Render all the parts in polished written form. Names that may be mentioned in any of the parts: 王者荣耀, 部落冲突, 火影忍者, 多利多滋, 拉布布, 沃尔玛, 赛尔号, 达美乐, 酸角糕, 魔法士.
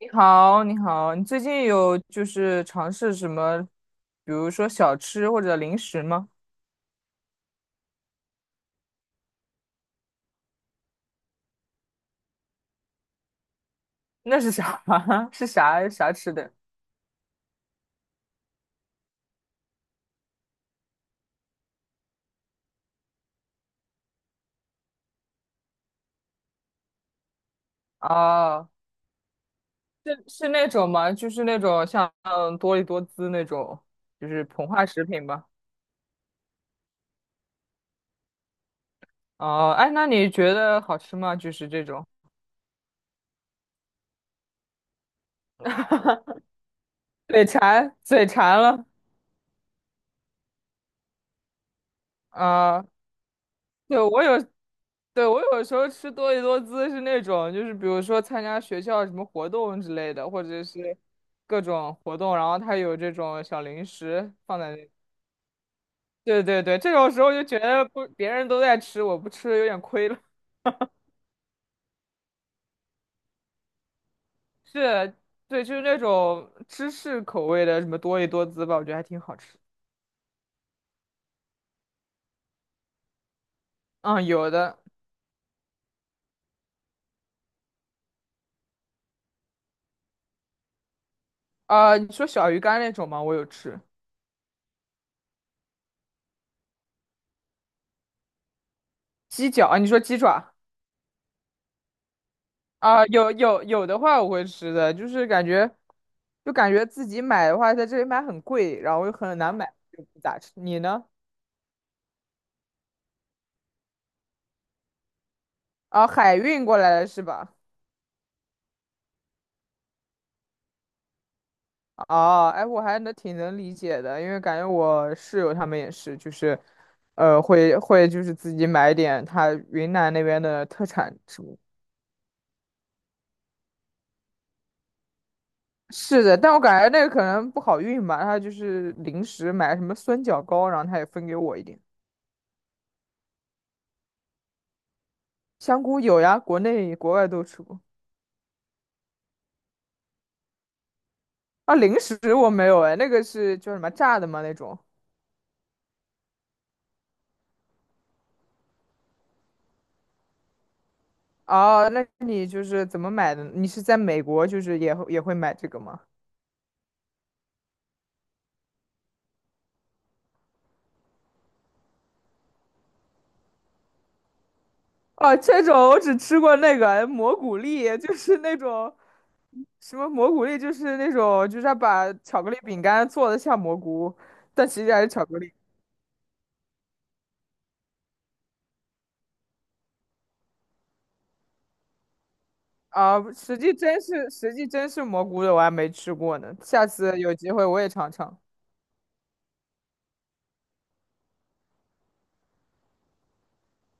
你好，你好，你最近有尝试什么，比如说小吃或者零食吗？那是啥？是啥吃的？哦，是那种吗？就是那种像多利多滋那种，就是膨化食品吧？哦，哎，那你觉得好吃吗？就是这种，嘴馋，嘴馋了。啊、对，我有，对，我有时候吃多利多滋是那种，就是比如说参加学校什么活动之类的，或者是各种活动，然后它有这种小零食放在那。对对对，这种时候就觉得不，别人都在吃，我不吃有点亏了。是，对，就是那种芝士口味的什么多利多滋吧，我觉得还挺好吃。嗯，有的。你说小鱼干那种吗？我有吃。鸡脚啊，你说鸡爪？啊，有有的话我会吃的，就是感觉，就感觉自己买的话，在这里买很贵，然后又很难买，就不咋吃。你呢？啊，海运过来的是吧？哦，哎，我还能挺能理解的，因为感觉我室友他们也是，就是，会就是自己买点他云南那边的特产什么。是的，但我感觉那个可能不好运吧，他就是临时买什么酸角糕，然后他也分给我一点。香菇有呀，国内国外都吃过。啊，零食我没有哎，那个是叫什么炸的吗？那种？哦，那你就是怎么买的？你是在美国，就是也会买这个吗？哦，这种我只吃过那个蘑菇粒，就是那种什么蘑菇粒，就是那种就是他把巧克力饼干做的像蘑菇，但其实还是巧克力啊，实际真是蘑菇的，我还没吃过呢，下次有机会我也尝尝。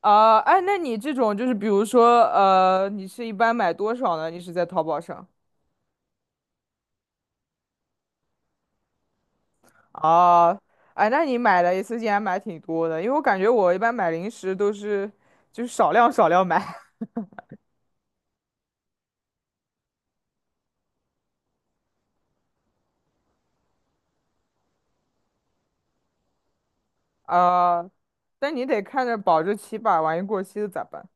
啊，哎，那你这种就是比如说你是一般买多少呢？你是在淘宝上？哦，哎，那你买了一次竟然买挺多的，因为我感觉我一般买零食都是就是少量买，呃，但你得看着保质期吧，万一过期了咋办？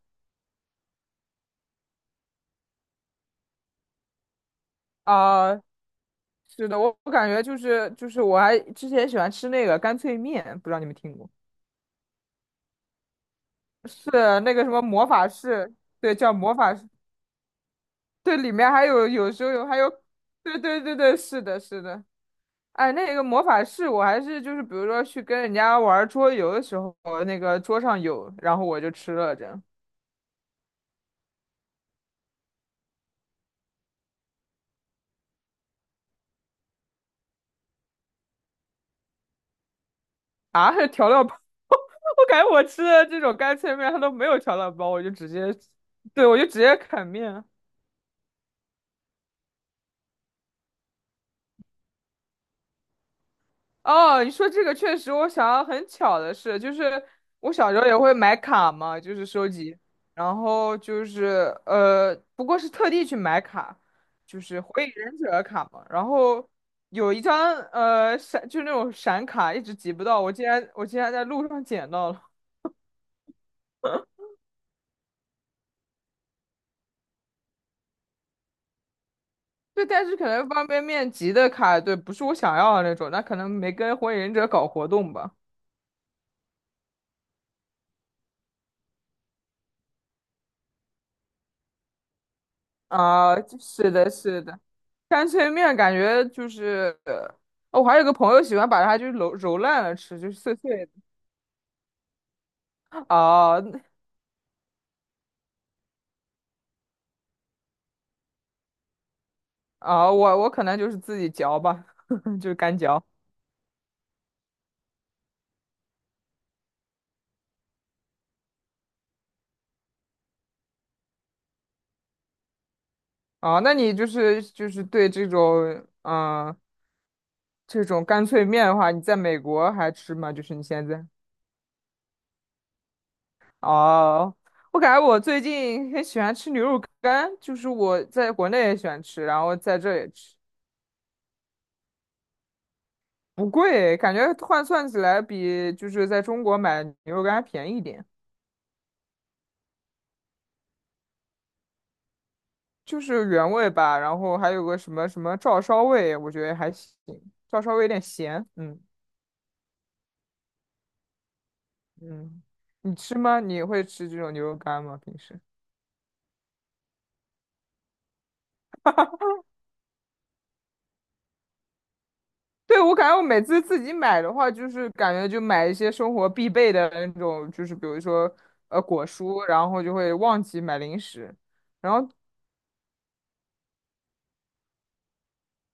啊、是的，我感觉就是我还之前喜欢吃那个干脆面，不知道你们听过？是那个什么魔法士，对，叫魔法士，对，里面还有有时候有还有，对对对对，是的，是的。哎，那个魔法师，我还是就是比如说去跟人家玩桌游的时候，那个桌上有，然后我就吃了这样啊，调料包，我感觉我吃的这种干脆面它都没有调料包，我就直接，对，我就直接啃面。哦，你说这个确实，我想到很巧的事，就是我小时候也会买卡嘛，就是收集，然后就是不过是特地去买卡，就是火影忍者卡嘛，然后有一张闪，就那种闪卡，一直集不到，我竟然在路上捡到了，对，但是可能方便面集的卡，对，不是我想要的那种，那可能没跟火影忍者搞活动吧，啊，是的，是的。干脆面感觉就是，哦我还有个朋友喜欢把它就是揉烂了吃，就是碎碎的。啊啊，哦我可能就是自己嚼吧，就是干嚼。啊，那你就是对这种嗯、呃这种干脆面的话，你在美国还吃吗？就是你现在？哦，我感觉我最近很喜欢吃牛肉干，就是我在国内也喜欢吃，然后在这也吃，不贵，感觉换算起来比就是在中国买牛肉干还便宜一点。就是原味吧，然后还有个什么什么照烧味，我觉得还行，照烧味有点咸，嗯嗯，你吃吗？你会吃这种牛肉干吗？平时？对，我感觉我每次自己买的话，就是感觉就买一些生活必备的那种，就是比如说果蔬，然后就会忘记买零食，然后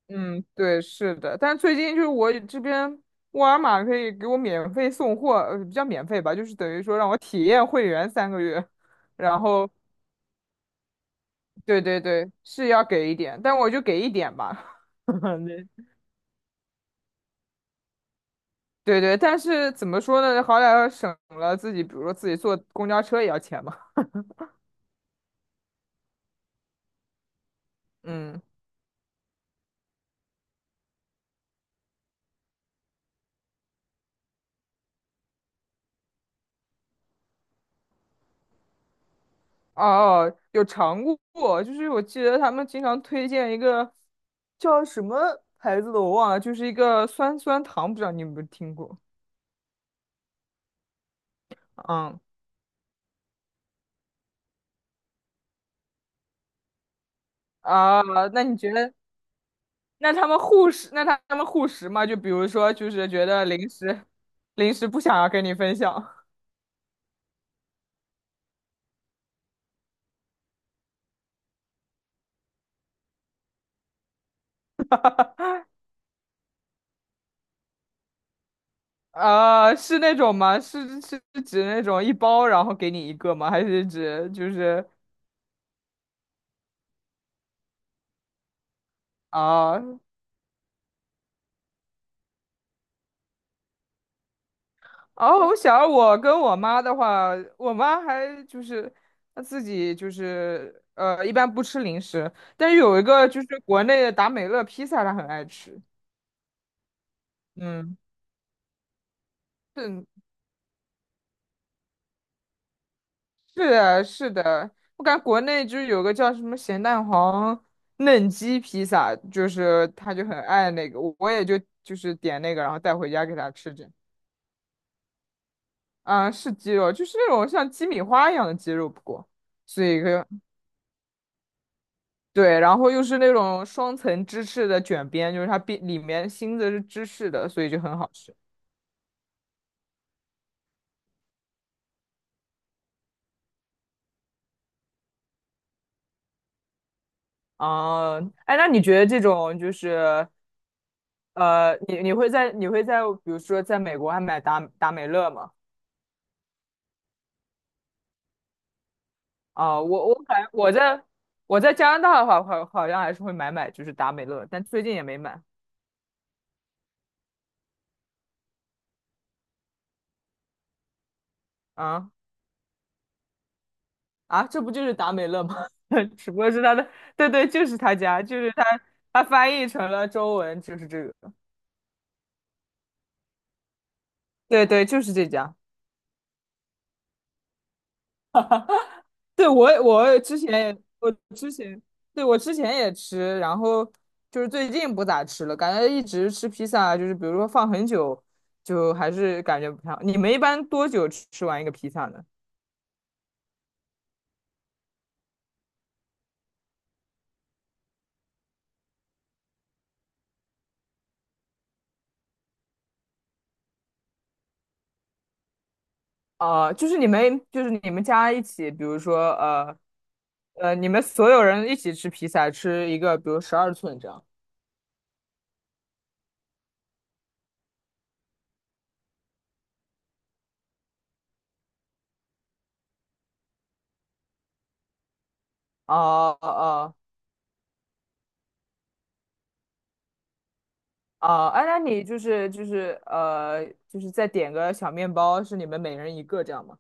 嗯对是的，但是最近就是我这边沃尔玛可以给我免费送货，呃不叫免费吧，就是等于说让我体验会员3个月。然后对对对，是要给一点，但我就给一点吧。对，对对，但是怎么说呢？好歹要省了自己，比如说自己坐公交车也要钱嘛。嗯，哦哦，有尝过，就是我记得他们经常推荐一个叫什么牌子的，我忘了，就是一个酸酸糖，不知道你有没有听过？嗯，啊，那你觉得，那他们护食，那他们护食嘛？就比如说，就是觉得零食，零食不想要跟你分享。啊，是那种吗？是是指那种一包然后给你一个吗？还是指就是啊？哦，我想我跟我妈的话，我妈还就是她自己就是一般不吃零食，但是有一个就是国内的达美乐披萨，她很爱吃。嗯，是是的，是的，我感觉国内就是有个叫什么咸蛋黄嫩鸡披萨，就是她就很爱那个，我也就是点那个，然后带回家给她吃着。啊，是鸡肉，就是那种像鸡米花一样的鸡肉，不过是一个对，然后又是那种双层芝士的卷边，就是它边里面芯子是芝士的，所以就很好吃。啊、哎，那你觉得这种就是你会在比如说在美国还买达美乐吗？啊、我我感我在我在加拿大的话，好像还是会买就是达美乐，但最近也没买啊。啊，这不就是达美乐吗？只不过是他的，对对，就是他家，就是他，他翻译成了中文，就是这个，对对，就是这家。对，我之前对我之前也吃，然后就是最近不咋吃了，感觉一直吃披萨啊，就是比如说放很久，就还是感觉不太好。你们一般多久吃完一个披萨呢？就是你们家一起，比如说你们所有人一起吃披萨，吃一个，比如12寸这样。哦哦哦，哎，那你就是就是再点个小面包，是你们每人一个这样吗？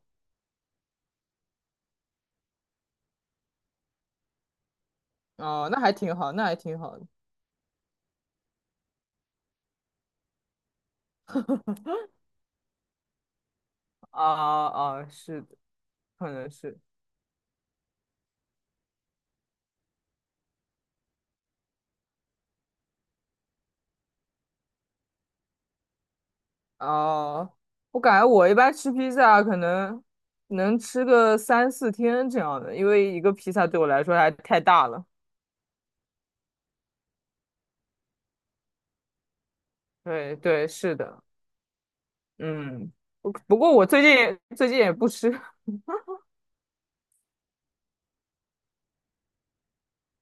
哦，那还挺好，那还挺好的。啊啊，是的，可能是。哦，我感觉我一般吃披萨可能能吃个三四天这样的，因为一个披萨对我来说还太大了。对对，是的，嗯。不过我最近也不吃，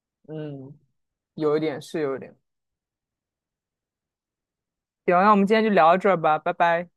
嗯，有一点是有一点。行，那我们今天就聊到这儿吧，拜拜。